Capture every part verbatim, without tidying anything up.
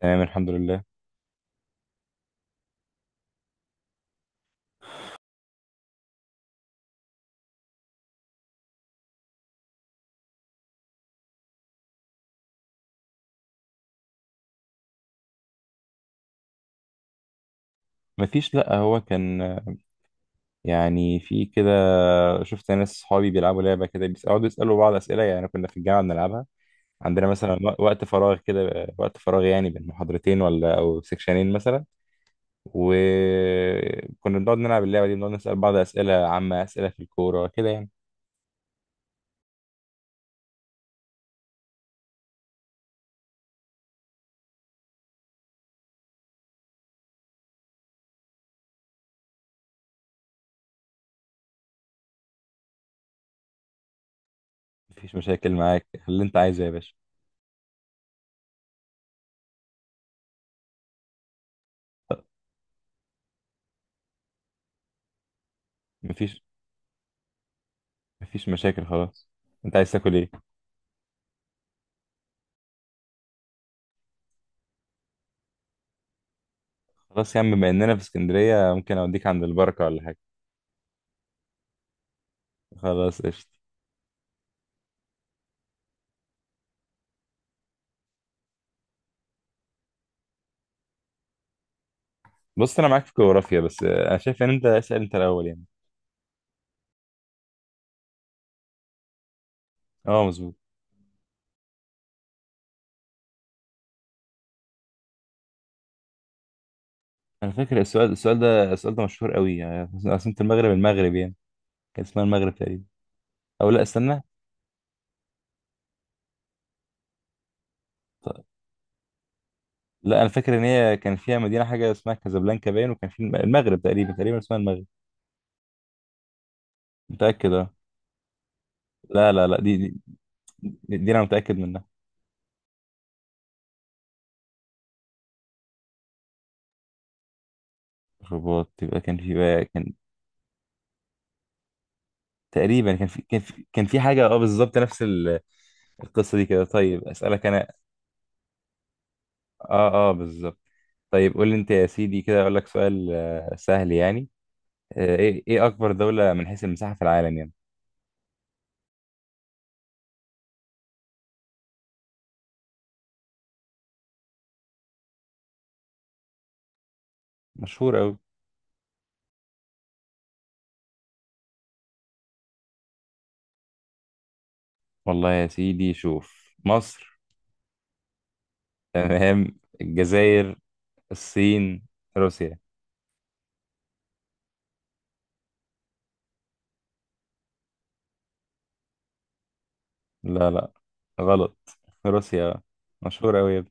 تمام الحمد لله. مفيش، لأ هو كان يعني في كده. شفت ناس صحابي بيلعبوا لعبة كده، بيقعدوا يسألوا بعض أسئلة، يعني كنا في الجامعة بنلعبها. عندنا مثلا وق- وقت فراغ كده، وقت فراغ يعني بين محاضرتين ولا أو سكشنين مثلا، وكنا بنقعد نلعب اللعبة دي، بنقعد نسأل بعض أسئلة عامة، أسئلة في الكورة كده يعني. مفيش مشاكل معاك، اللي أنت عايزه يا باشا. مفيش مفيش مشاكل، خلاص. أنت عايز تاكل إيه؟ خلاص يا عم، بما إننا في اسكندرية ممكن أوديك عند البركة ولا حاجة. خلاص، قشطة. بص انا معاك في الجغرافيا، بس آه، انا شايف ان انت اسال انت الاول يعني. اه، مظبوط. انا فاكر السؤال السؤال ده السؤال ده مشهور قوي، يعني عاصمة المغرب، المغرب يعني كان اسمها المغرب تقريبا. او لا، استنى. طيب. لا، انا فاكر ان هي كان فيها مدينة، حاجة اسمها كازابلانكا باين، وكان في الم- المغرب، تقريبا تقريبا اسمها المغرب. متأكد، اه. لا لا لا، دي دي, دي, دي انا متأكد منها. الرباط، يبقى كان في بقى، كان تقريبا، كان في كان في كان في حاجة، اه بالظبط نفس ال- القصة دي كده. طيب اسألك انا. اه اه، بالظبط. طيب قول لي انت يا سيدي، كده اقول لك سؤال آه، سهل يعني. آه، ايه ايه اكبر دولة من حيث المساحة في العالم يعني؟ مشهور قوي. والله يا سيدي، شوف، مصر، تمام، الجزائر، الصين، روسيا. لا لا، غلط، روسيا. مشهور قوي يا ابني.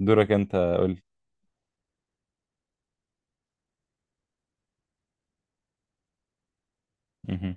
دورك، انت قول لي. مهم.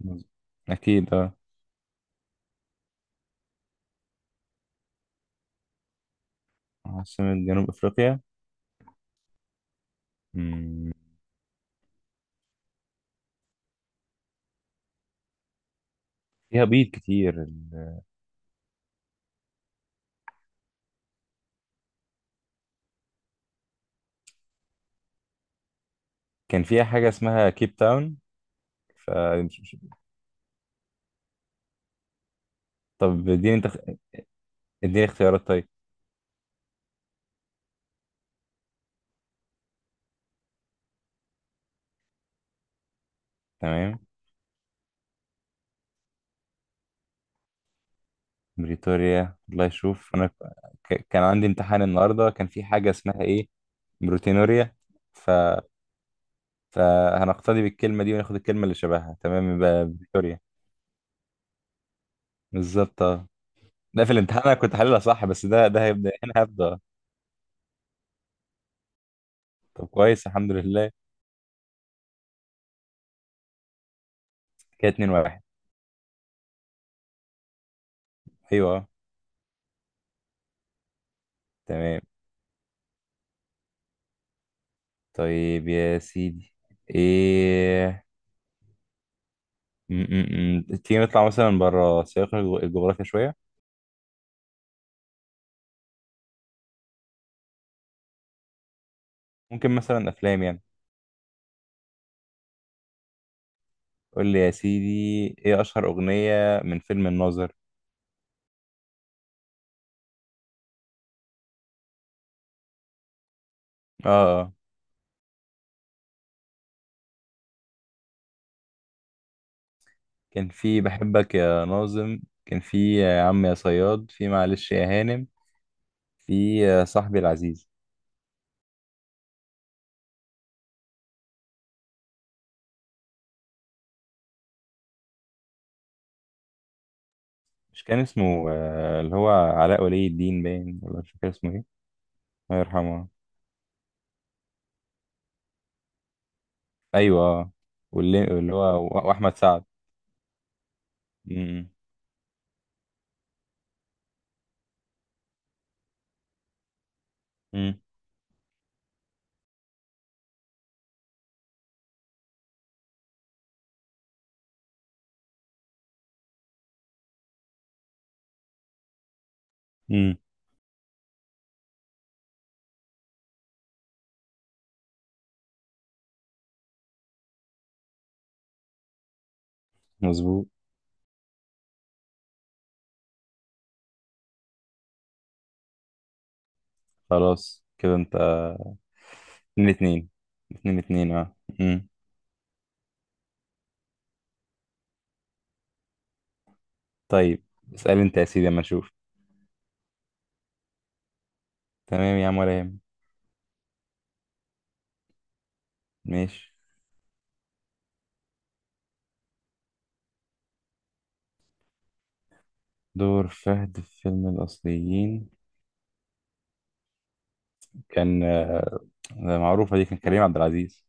مظبوط. اكيد اه. عاصمة جنوب افريقيا. مم. فيها بيض كتير ال- كان فيها حاجة اسمها كيب تاون. ف... طب اديني انت، اديني اختيارات طيب. تمام، بريتوريا. الله يشوف انا. ك... كان عندي امتحان النهارده، كان في حاجه اسمها ايه، بروتينوريا. ف فهنقتدي بالكلمه دي وناخد الكلمه اللي شبهها تمام، يبقى بريتوريا. بالظبط، اه. ده في الامتحان انا كنت حللها صح، بس ده ده هيبدا، هنا هبدا. طب كويس، الحمد لله. كده اتنين واحد. ايوه، آه. تمام. طيب يا سيدي ايه، م- م- م. تيجي نطلع مثلا بره سياق الجغرافيا شويه. ممكن مثلا افلام يعني. قول لي يا سيدي، ايه اشهر اغنية من فيلم الناظر؟ اه اه، كان في بحبك يا ناظم، كان في يا عم يا صياد، في معلش يا هانم، في يا صاحبي العزيز. مش كان اسمه آه، اللي هو علاء ولي الدين باين، ولا مش فاكر اسمه ايه؟ الله يرحمه. ايوه، آه. واللي اللي هو و- واحمد سعد. امم امم أمم. مظبوط. خلاص، كده انت. اتنين اتنين. اتنين اتنين، اه. امم. طيب اسأل انت يا سيدي اما نشوف. تمام يا عم، ولا يهمك. ماشي. دور فهد في فيلم الأصليين كان آه، ده، معروفة دي، كان كريم عبد العزيز،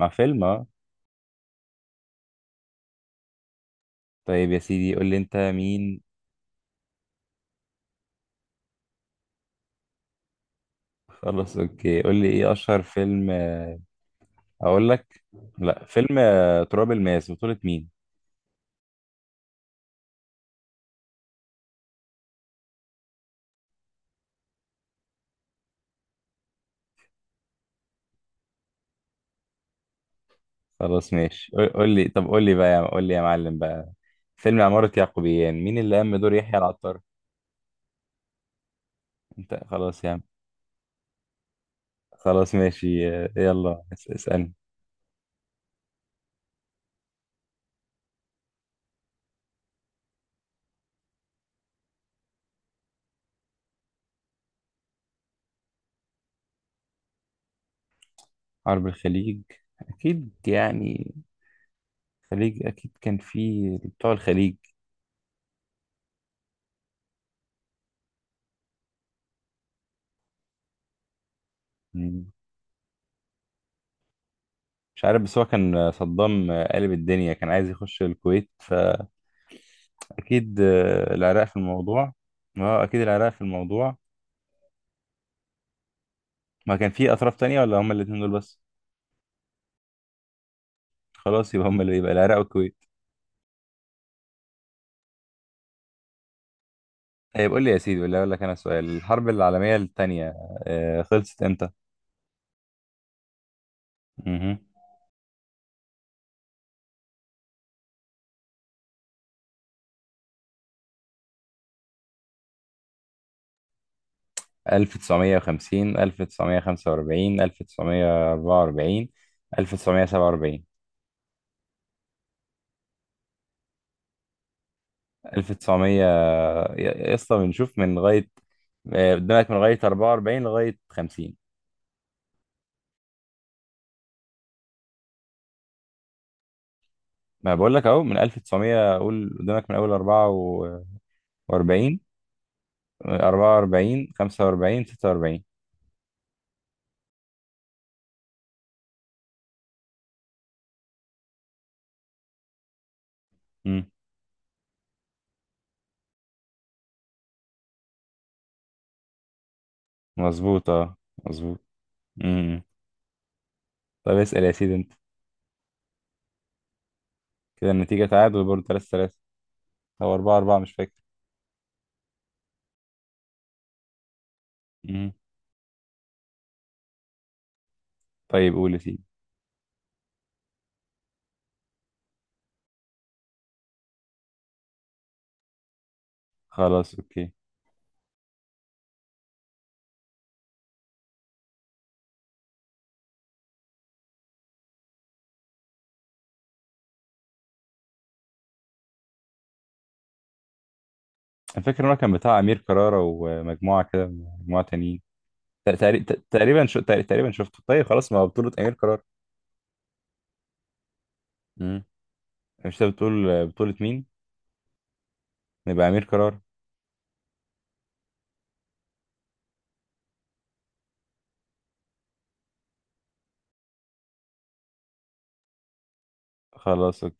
مع فيلم، اه. طيب يا سيدي، قول لي أنت مين. خلاص أوكي، قول لي إيه أشهر فيلم آه، أقول لك. لا، فيلم آه، تراب الماس بطولة مين؟ خلاص ماشي، قول قول لي، طب قول لي بقى، يا- قول لي يا معلم بقى، فيلم عمارة يعقوبيان مين اللي قام بدور يحيى العطار؟ أنت خلاص يا عم. خلاص ماشي، آه، يلا اس- اسألني. حرب الخليج، أكيد يعني الخليج، اكيد كان في بتوع الخليج. مم. مش عارف، بس هو كان صدام قلب الدنيا، كان عايز يخش الكويت، فاكيد آه، العراق في الموضوع. اه اكيد العراق في الموضوع. ما كان في اطراف تانية ولا هما الاتنين دول بس؟ خلاص، يبقى هما اللي يبقى العراق والكويت. طيب قول لي يا سيدي، ولا اقول لك انا سؤال، الحرب العالمية التانية آه، خلصت امتى؟ مهم. ألف وتسعمية وخمسين، ألف وتسعمية وخمسة وأربعين، ألف تسعمية أربعة وأربعين، ألف وتسعمية وسبعة وأربعين، ألف وتسعمية. يا اسطى بنشوف من لغاية، آه، قدامك من لغاية أربعة وأربعين لغاية خمسين. ما بقول لك اهو من ألف تسعمية، قول قدامك من اول أربعة وأربعين. أربعة وأربعين، خمسة وأربعين، ستة وأربعين. امم. مظبوط اه، مظبوط. امم. طب اسأل يا سيدي انت. كده النتيجة تعادل برضه تلاتة تلاتة او أربعة أربعة، مش فاكر. امم. طيب قول يا سيدي. خلاص اوكي. انا فاكر إن هو كان بتاع امير كرارة ومجموعة كده، مجموعة تانيين. تقريبا تقريبا شو- تقريبا شفته. طيب خلاص، ما هو بطولة أمير قرار. امم. مش انت بتقول بطولة مين؟ نبقى أمير قرار. خلاص